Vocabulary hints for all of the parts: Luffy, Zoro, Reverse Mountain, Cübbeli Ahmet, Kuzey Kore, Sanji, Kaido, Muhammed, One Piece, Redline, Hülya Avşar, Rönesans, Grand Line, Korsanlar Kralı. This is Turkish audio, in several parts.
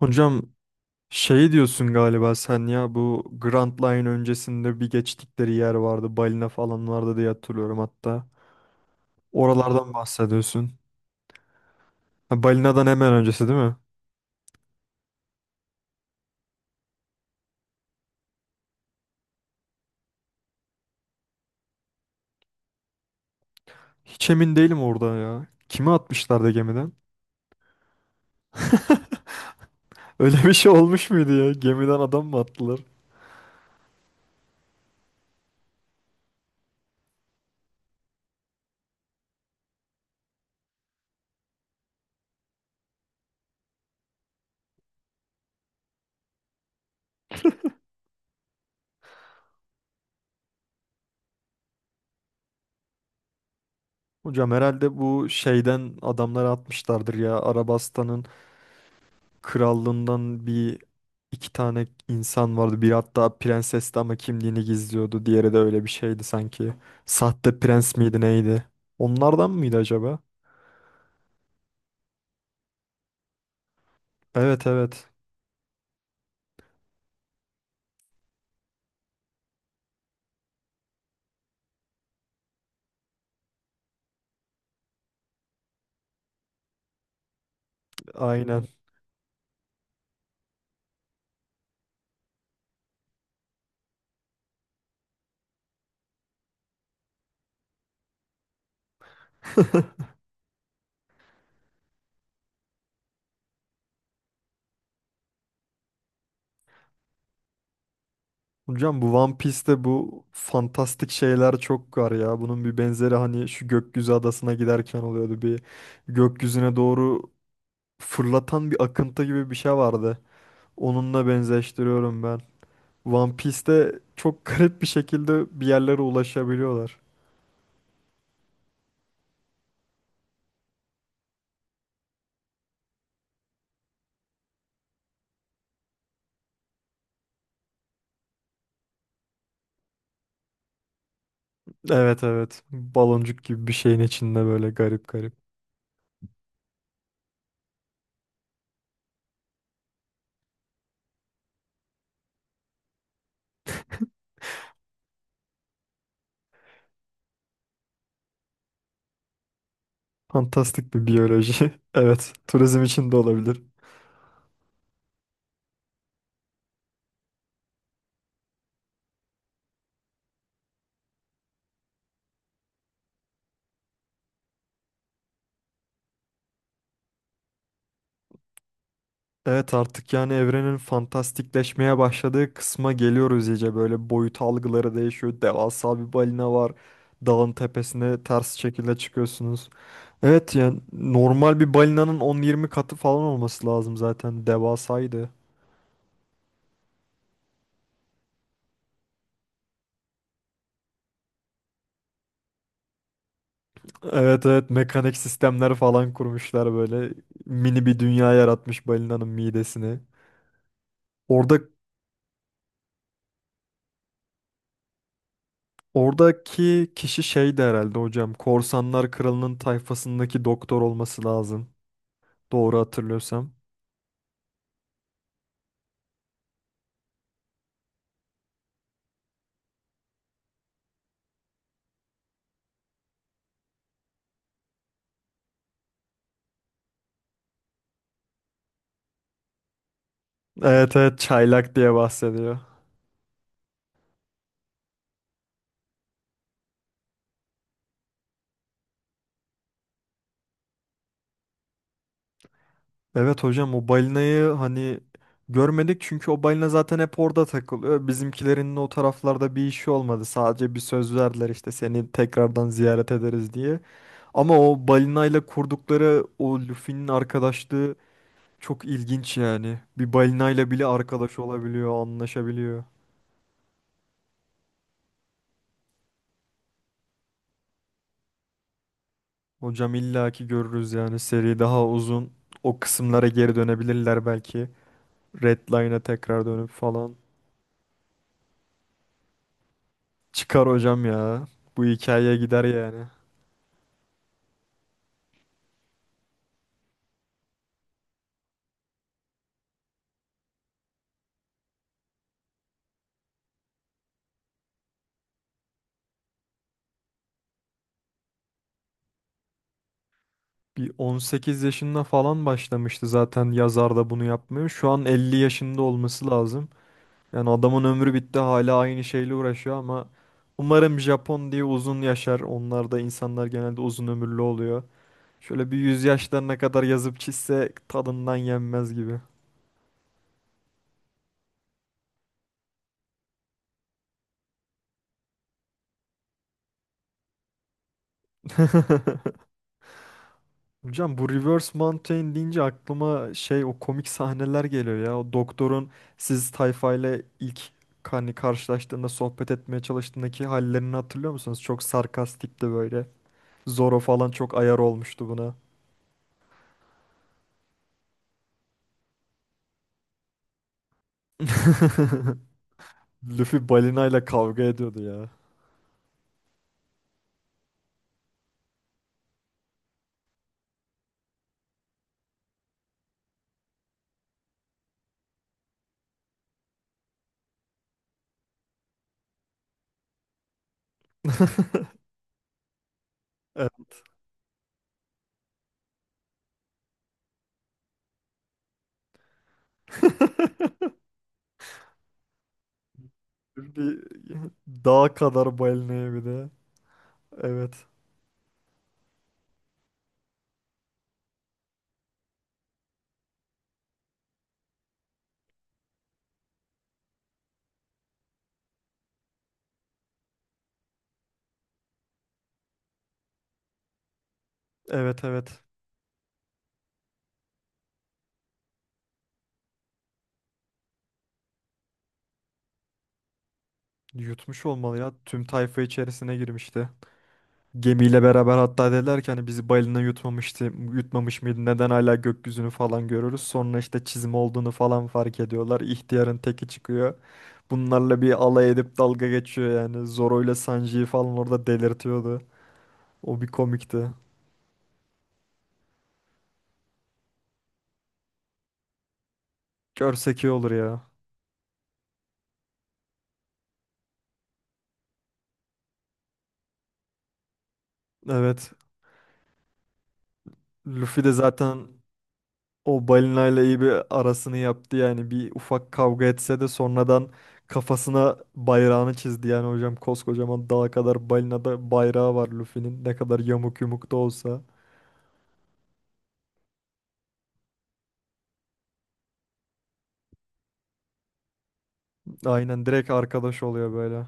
Hocam şey diyorsun galiba sen ya, bu Grand Line öncesinde bir geçtikleri yer vardı. Balina falan vardı diye hatırlıyorum hatta. Oralardan bahsediyorsun. Ha, balinadan hemen öncesi değil mi? Hiç emin değilim orada ya. Kimi atmışlardı gemiden? Öyle bir şey olmuş muydu ya? Gemiden adam mı attılar? Hocam herhalde bu şeyden adamları atmışlardır ya. Arabastan'ın krallığından bir iki tane insan vardı. Biri hatta prensesti ama kimliğini gizliyordu. Diğeri de öyle bir şeydi sanki. Sahte prens miydi neydi? Onlardan mıydı acaba? Evet evet. Aynen. Hocam bu One Piece'te bu fantastik şeyler çok var ya. Bunun bir benzeri hani şu gökyüzü adasına giderken oluyordu. Bir gökyüzüne doğru fırlatan bir akıntı gibi bir şey vardı. Onunla benzeştiriyorum ben. One Piece'te çok garip bir şekilde bir yerlere ulaşabiliyorlar. Evet evet. Baloncuk gibi bir şeyin içinde böyle garip garip. Fantastik bir biyoloji. Evet. Turizm için de olabilir. Evet, artık yani evrenin fantastikleşmeye başladığı kısma geliyoruz iyice. Böyle boyut algıları değişiyor. Devasa bir balina var. Dağın tepesine ters şekilde çıkıyorsunuz. Evet yani normal bir balinanın 10-20 katı falan olması lazım zaten. Devasaydı. Evet evet, mekanik sistemler falan kurmuşlar, böyle mini bir dünya yaratmış balinanın midesini. Orada oradaki kişi şeydi herhalde hocam. Korsanlar Kralı'nın tayfasındaki doktor olması lazım. Doğru hatırlıyorsam. Evet evet, çaylak diye bahsediyor. Evet hocam, o balinayı hani görmedik çünkü o balina zaten hep orada takılıyor. Bizimkilerin o taraflarda bir işi olmadı. Sadece bir söz verdiler işte, seni tekrardan ziyaret ederiz diye. Ama o balinayla kurdukları o Luffy'nin arkadaşlığı çok ilginç yani. Bir balinayla bile arkadaş olabiliyor, anlaşabiliyor. Hocam illaki görürüz yani, seri daha uzun. O kısımlara geri dönebilirler belki. Redline'a tekrar dönüp falan. Çıkar hocam ya. Bu hikayeye gider yani. Bir 18 yaşında falan başlamıştı zaten, yazar da bunu yapmıyor. Şu an 50 yaşında olması lazım. Yani adamın ömrü bitti, hala aynı şeyle uğraşıyor ama umarım Japon diye uzun yaşar. Onlar da, insanlar genelde uzun ömürlü oluyor. Şöyle bir yüz yaşlarına kadar yazıp çizse tadından yenmez gibi. Hocam bu Reverse Mountain deyince aklıma şey, o komik sahneler geliyor ya. O doktorun siz tayfayla ilk hani karşılaştığında sohbet etmeye çalıştığındaki hallerini hatırlıyor musunuz? Çok sarkastikti böyle. Zoro falan çok ayar olmuştu buna. Luffy balinayla kavga ediyordu ya. Evet. Bir dağ kadar balinaya bir de. Evet. Evet evet. Yutmuş olmalı ya. Tüm tayfa içerisine girmişti. Gemiyle beraber hatta, dediler ki hani bizi balina yutmamıştı, yutmamış mıydı? Neden hala gökyüzünü falan görürüz? Sonra işte çizim olduğunu falan fark ediyorlar. İhtiyarın teki çıkıyor. Bunlarla bir alay edip dalga geçiyor yani. Zoro ile Sanji'yi falan orada delirtiyordu. O bir komikti. Görsek iyi olur ya. Evet. Luffy de zaten o balinayla iyi bir arasını yaptı yani. Bir ufak kavga etse de sonradan kafasına bayrağını çizdi. Yani hocam koskocaman dağa kadar balinada bayrağı var Luffy'nin. Ne kadar yamuk yumuk da olsa. Aynen, direkt arkadaş oluyor böyle.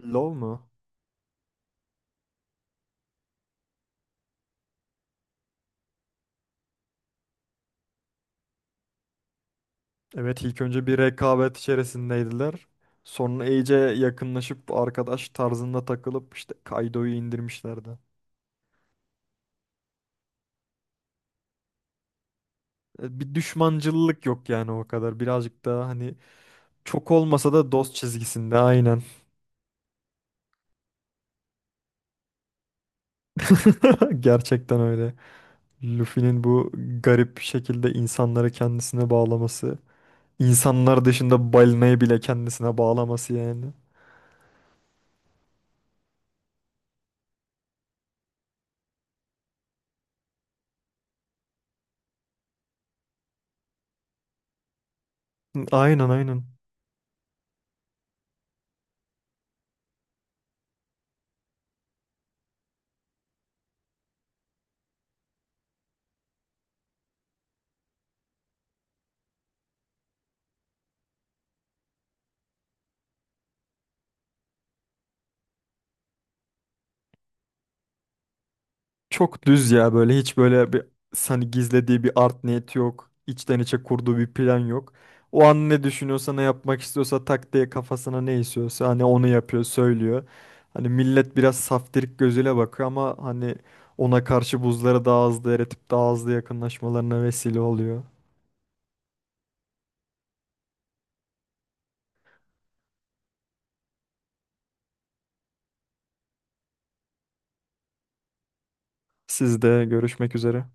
LOL mu? Evet, ilk önce bir rekabet içerisindeydiler. Sonra iyice yakınlaşıp arkadaş tarzında takılıp işte Kaido'yu indirmişlerdi. E, bir düşmancıllık yok yani o kadar. Birazcık daha hani çok olmasa da dost çizgisinde aynen. Gerçekten öyle. Luffy'nin bu garip şekilde insanları kendisine bağlaması. İnsanlar dışında balinayı bile kendisine bağlaması yani. Aynen aynen. Çok düz ya, böyle hiç böyle bir hani gizlediği bir art niyeti yok. İçten içe kurduğu bir plan yok. O an ne düşünüyorsa ne yapmak istiyorsa tak diye kafasına ne istiyorsa hani onu yapıyor, söylüyor. Hani millet biraz saftirik gözüyle bakıyor ama hani ona karşı buzları daha hızlı eritip daha hızlı yakınlaşmalarına vesile oluyor. Sizde görüşmek üzere.